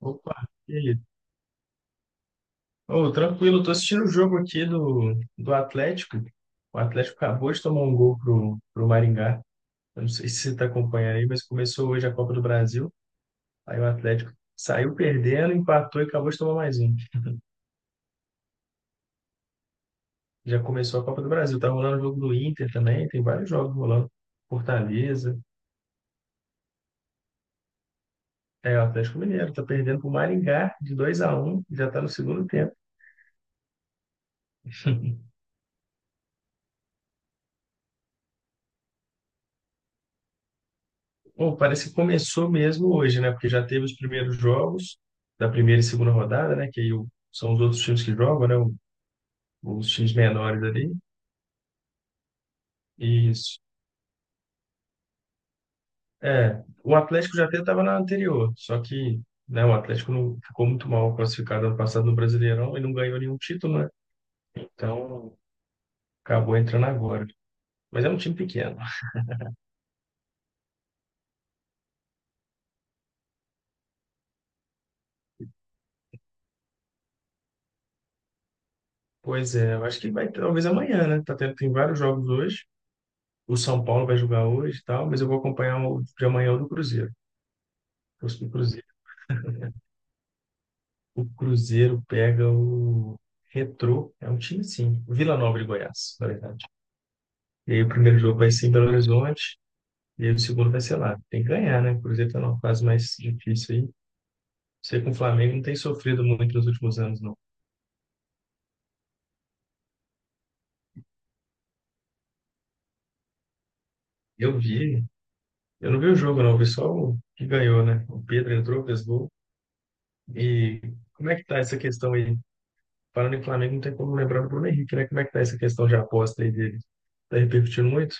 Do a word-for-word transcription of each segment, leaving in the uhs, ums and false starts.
Opa, e aí? Ô, tranquilo, tô assistindo o jogo aqui do, do Atlético. O Atlético acabou de tomar um gol pro, pro Maringá. Eu não sei se você tá acompanhando aí, mas começou hoje a Copa do Brasil. Aí o Atlético saiu perdendo, empatou e acabou de tomar mais um. Já começou a Copa do Brasil. Tá rolando o jogo do Inter também, tem vários jogos rolando. Fortaleza, é o Atlético Mineiro, tá perdendo pro Maringá de dois a um. Já tá no segundo tempo. Pô, parece que começou mesmo hoje, né? Porque já teve os primeiros jogos da primeira e segunda rodada, né? Que aí o- são os outros times que jogam, né? o- Os times menores ali. Isso. É, o Atlético já até estava na anterior, só que, né, o Atlético não ficou muito mal classificado ano passado no Brasileirão e não ganhou nenhum título, né? Então, acabou entrando agora. Mas é um time pequeno. Pois é, eu acho que vai talvez amanhã, né? Tá tendo, tem vários jogos hoje. O São Paulo vai jogar hoje e tal, mas eu vou acompanhar o de amanhã o do Cruzeiro. O do Cruzeiro. O Cruzeiro pega o Retrô, é um time sim, Vila Nova de Goiás, na verdade. E aí o primeiro jogo vai ser em Belo Horizonte, e aí o segundo vai ser lá. Tem que ganhar, né? O Cruzeiro tá numa fase mais difícil aí. Você com o Flamengo não tem sofrido muito nos últimos anos, não. Eu vi, eu não vi o jogo, não, eu vi só o que ganhou, né? O Pedro entrou, fez gol. E como é que tá essa questão aí? Falando em Flamengo, não tem como lembrar do Bruno Henrique, né? Como é que tá essa questão de aposta aí dele? Tá repercutindo muito?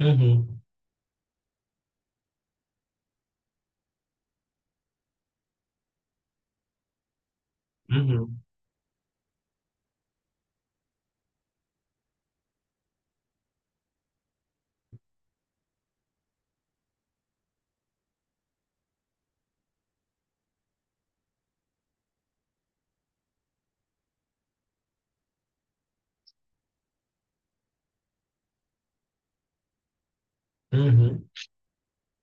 Uhum, uhum, uhum.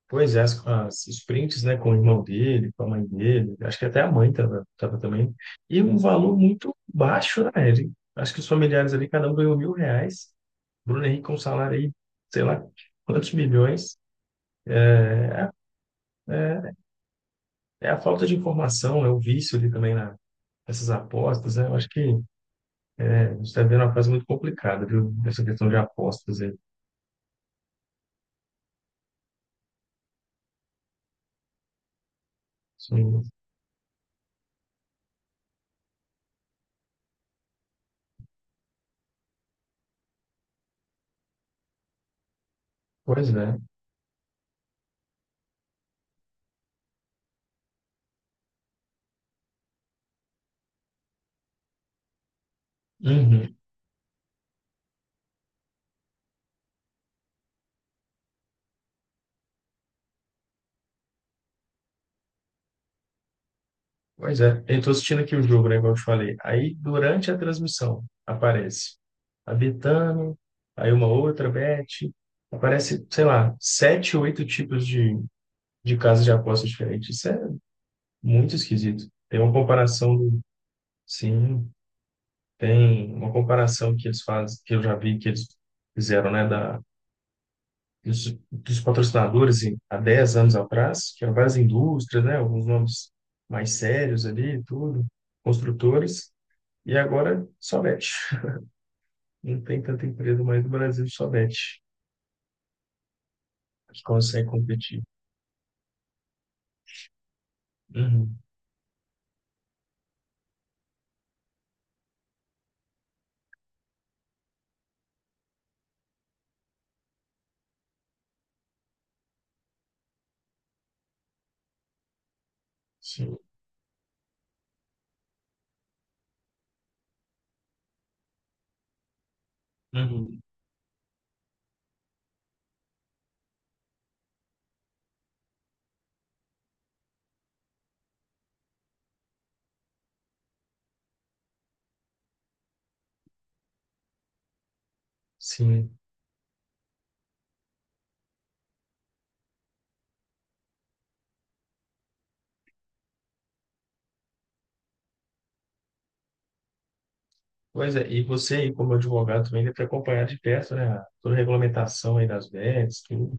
Pois é, as, as- os prints, né, com o irmão dele, com a mãe dele, acho que até a mãe estava tava tava também, e um valor muito baixo, né? Ele, acho que os familiares ali, cada um ganhou mil reais, Bruno Henrique com um salário aí, sei lá, quantos milhões, é, é a falta de informação, é o vício ali também na, nessas apostas, né? Eu acho que a gente está vendo uma fase muito complicada, viu? Essa questão de apostas aí. Sim. Pois é. Uhum. Pois é, eu estou assistindo aqui o jogo, né, igual eu te falei. Aí, durante a transmissão, aparece a Betano, aí uma outra Bet, aparece, sei lá, sete, oito tipos de, de casas de apostas diferentes. Isso é muito esquisito. Tem uma comparação do, sim, tem uma comparação que eles fazem, que eu já vi que eles fizeram, né, da, dos, dos patrocinadores em- há dez anos atrás, que eram várias indústrias, né, alguns nomes mais sérios ali, tudo, construtores. E agora só mete. Não tem tanta empresa mais no Brasil, só mete, que consegue competir. Uhum, sim, uhum, sim. Pois é, e você aí como advogado também deve acompanhar de perto, né, a- toda a regulamentação aí das V E Ts, tudo.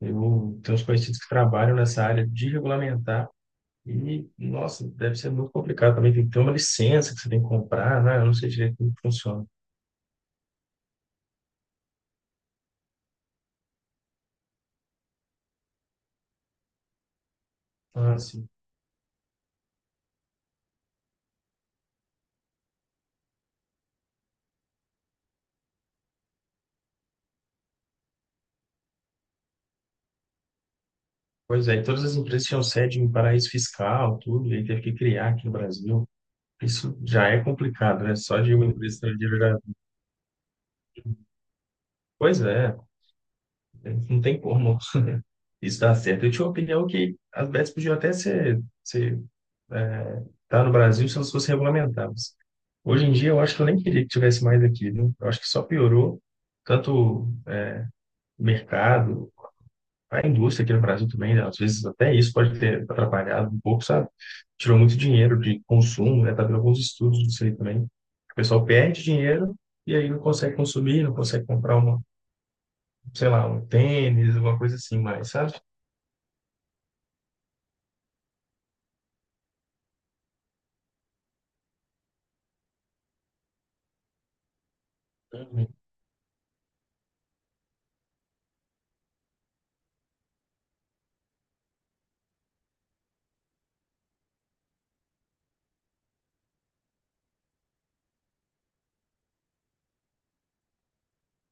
Eu tenho uns conhecidos que trabalham nessa área de regulamentar e, nossa, deve ser muito complicado também. Tem que ter uma licença que você tem que comprar, né? Eu não sei direito como funciona. Ah, sim. Pois é, e todas as empresas tinham sede em paraíso fiscal, tudo, e aí teve que criar aqui no Brasil. Isso já é complicado, né? Só de uma empresa estrangeira já... Pois é, não tem como isso dar certo. Eu tinha uma opinião que as bets podiam até ser, ser é, tá no Brasil se elas fossem regulamentadas. Hoje em dia, eu acho que eu nem queria que tivesse mais aqui, né? Eu acho que só piorou tanto o mercado, a indústria aqui no Brasil também, né, às vezes até isso pode ter atrapalhado um pouco, sabe? Tirou muito dinheiro de consumo, né? Tá vendo alguns estudos disso aí também. O pessoal perde dinheiro e aí não consegue consumir, não consegue comprar uma, sei lá, um tênis, uma coisa assim mais, sabe? Uhum.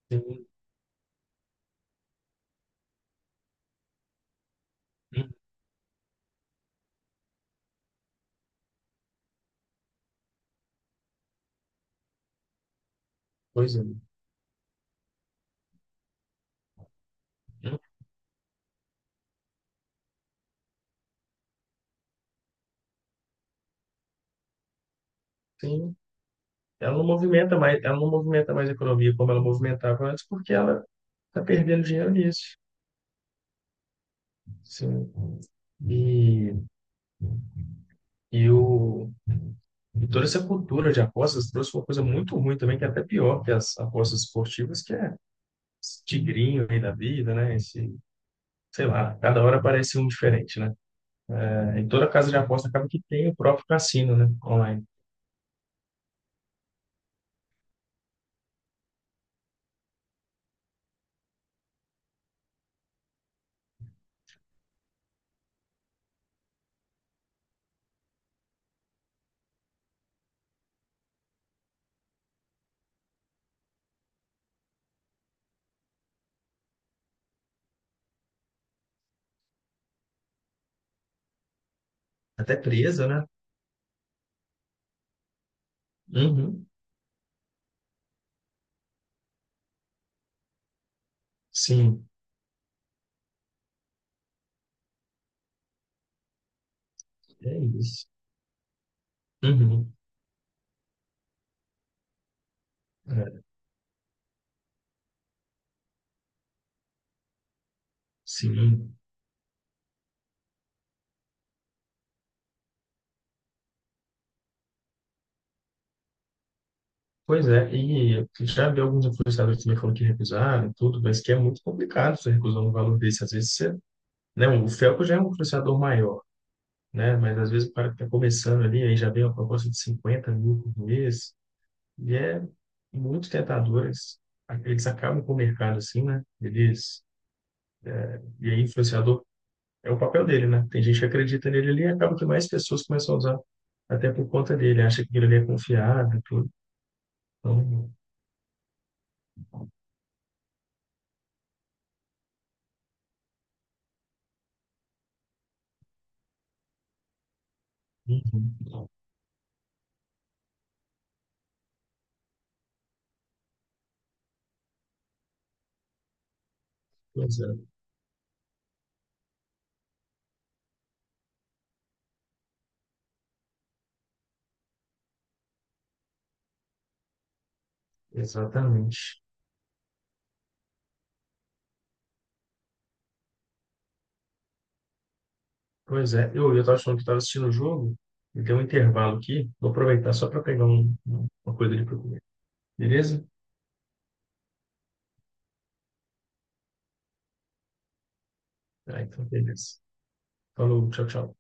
Tem- tem Coisa. não tem- Ela não movimenta mais, ela não movimenta mais a economia como ela movimentava antes, porque ela está perdendo dinheiro nisso. Sim. E, e o E toda essa cultura de apostas trouxe uma coisa muito ruim também, que é até pior que as apostas esportivas, que é esse tigrinho aí da vida, né? Esse, sei lá, cada hora aparece um diferente, né? É, e toda casa de aposta acaba que tem o próprio cassino, né? Online. Até presa, né? Uhum. Sim, é isso. Uhum. É, sim. Pois é, e eu já vi alguns influenciadores também falando que recusaram e tudo, mas que é muito complicado você recusar um valor desse. Às vezes você, né, o Felco já é um influenciador maior, né? Mas às vezes o cara que está começando ali, aí já vem uma proposta de cinquenta mil por mês, e é muito tentador. Eles, eles acabam com o mercado assim, né? Eles, e aí, influenciador é o papel dele, né? Tem gente que acredita nele ali e acaba que mais pessoas começam a usar, até por conta dele, acha que ele é confiável, tudo. Então, uhum. Pois é, exatamente. Pois é, eu, eu estava achando que estava assistindo o jogo, e deu um intervalo aqui, vou aproveitar só para pegar um- um- uma coisa ali para comer. Beleza? Ah, então beleza. Falou, tchau, tchau.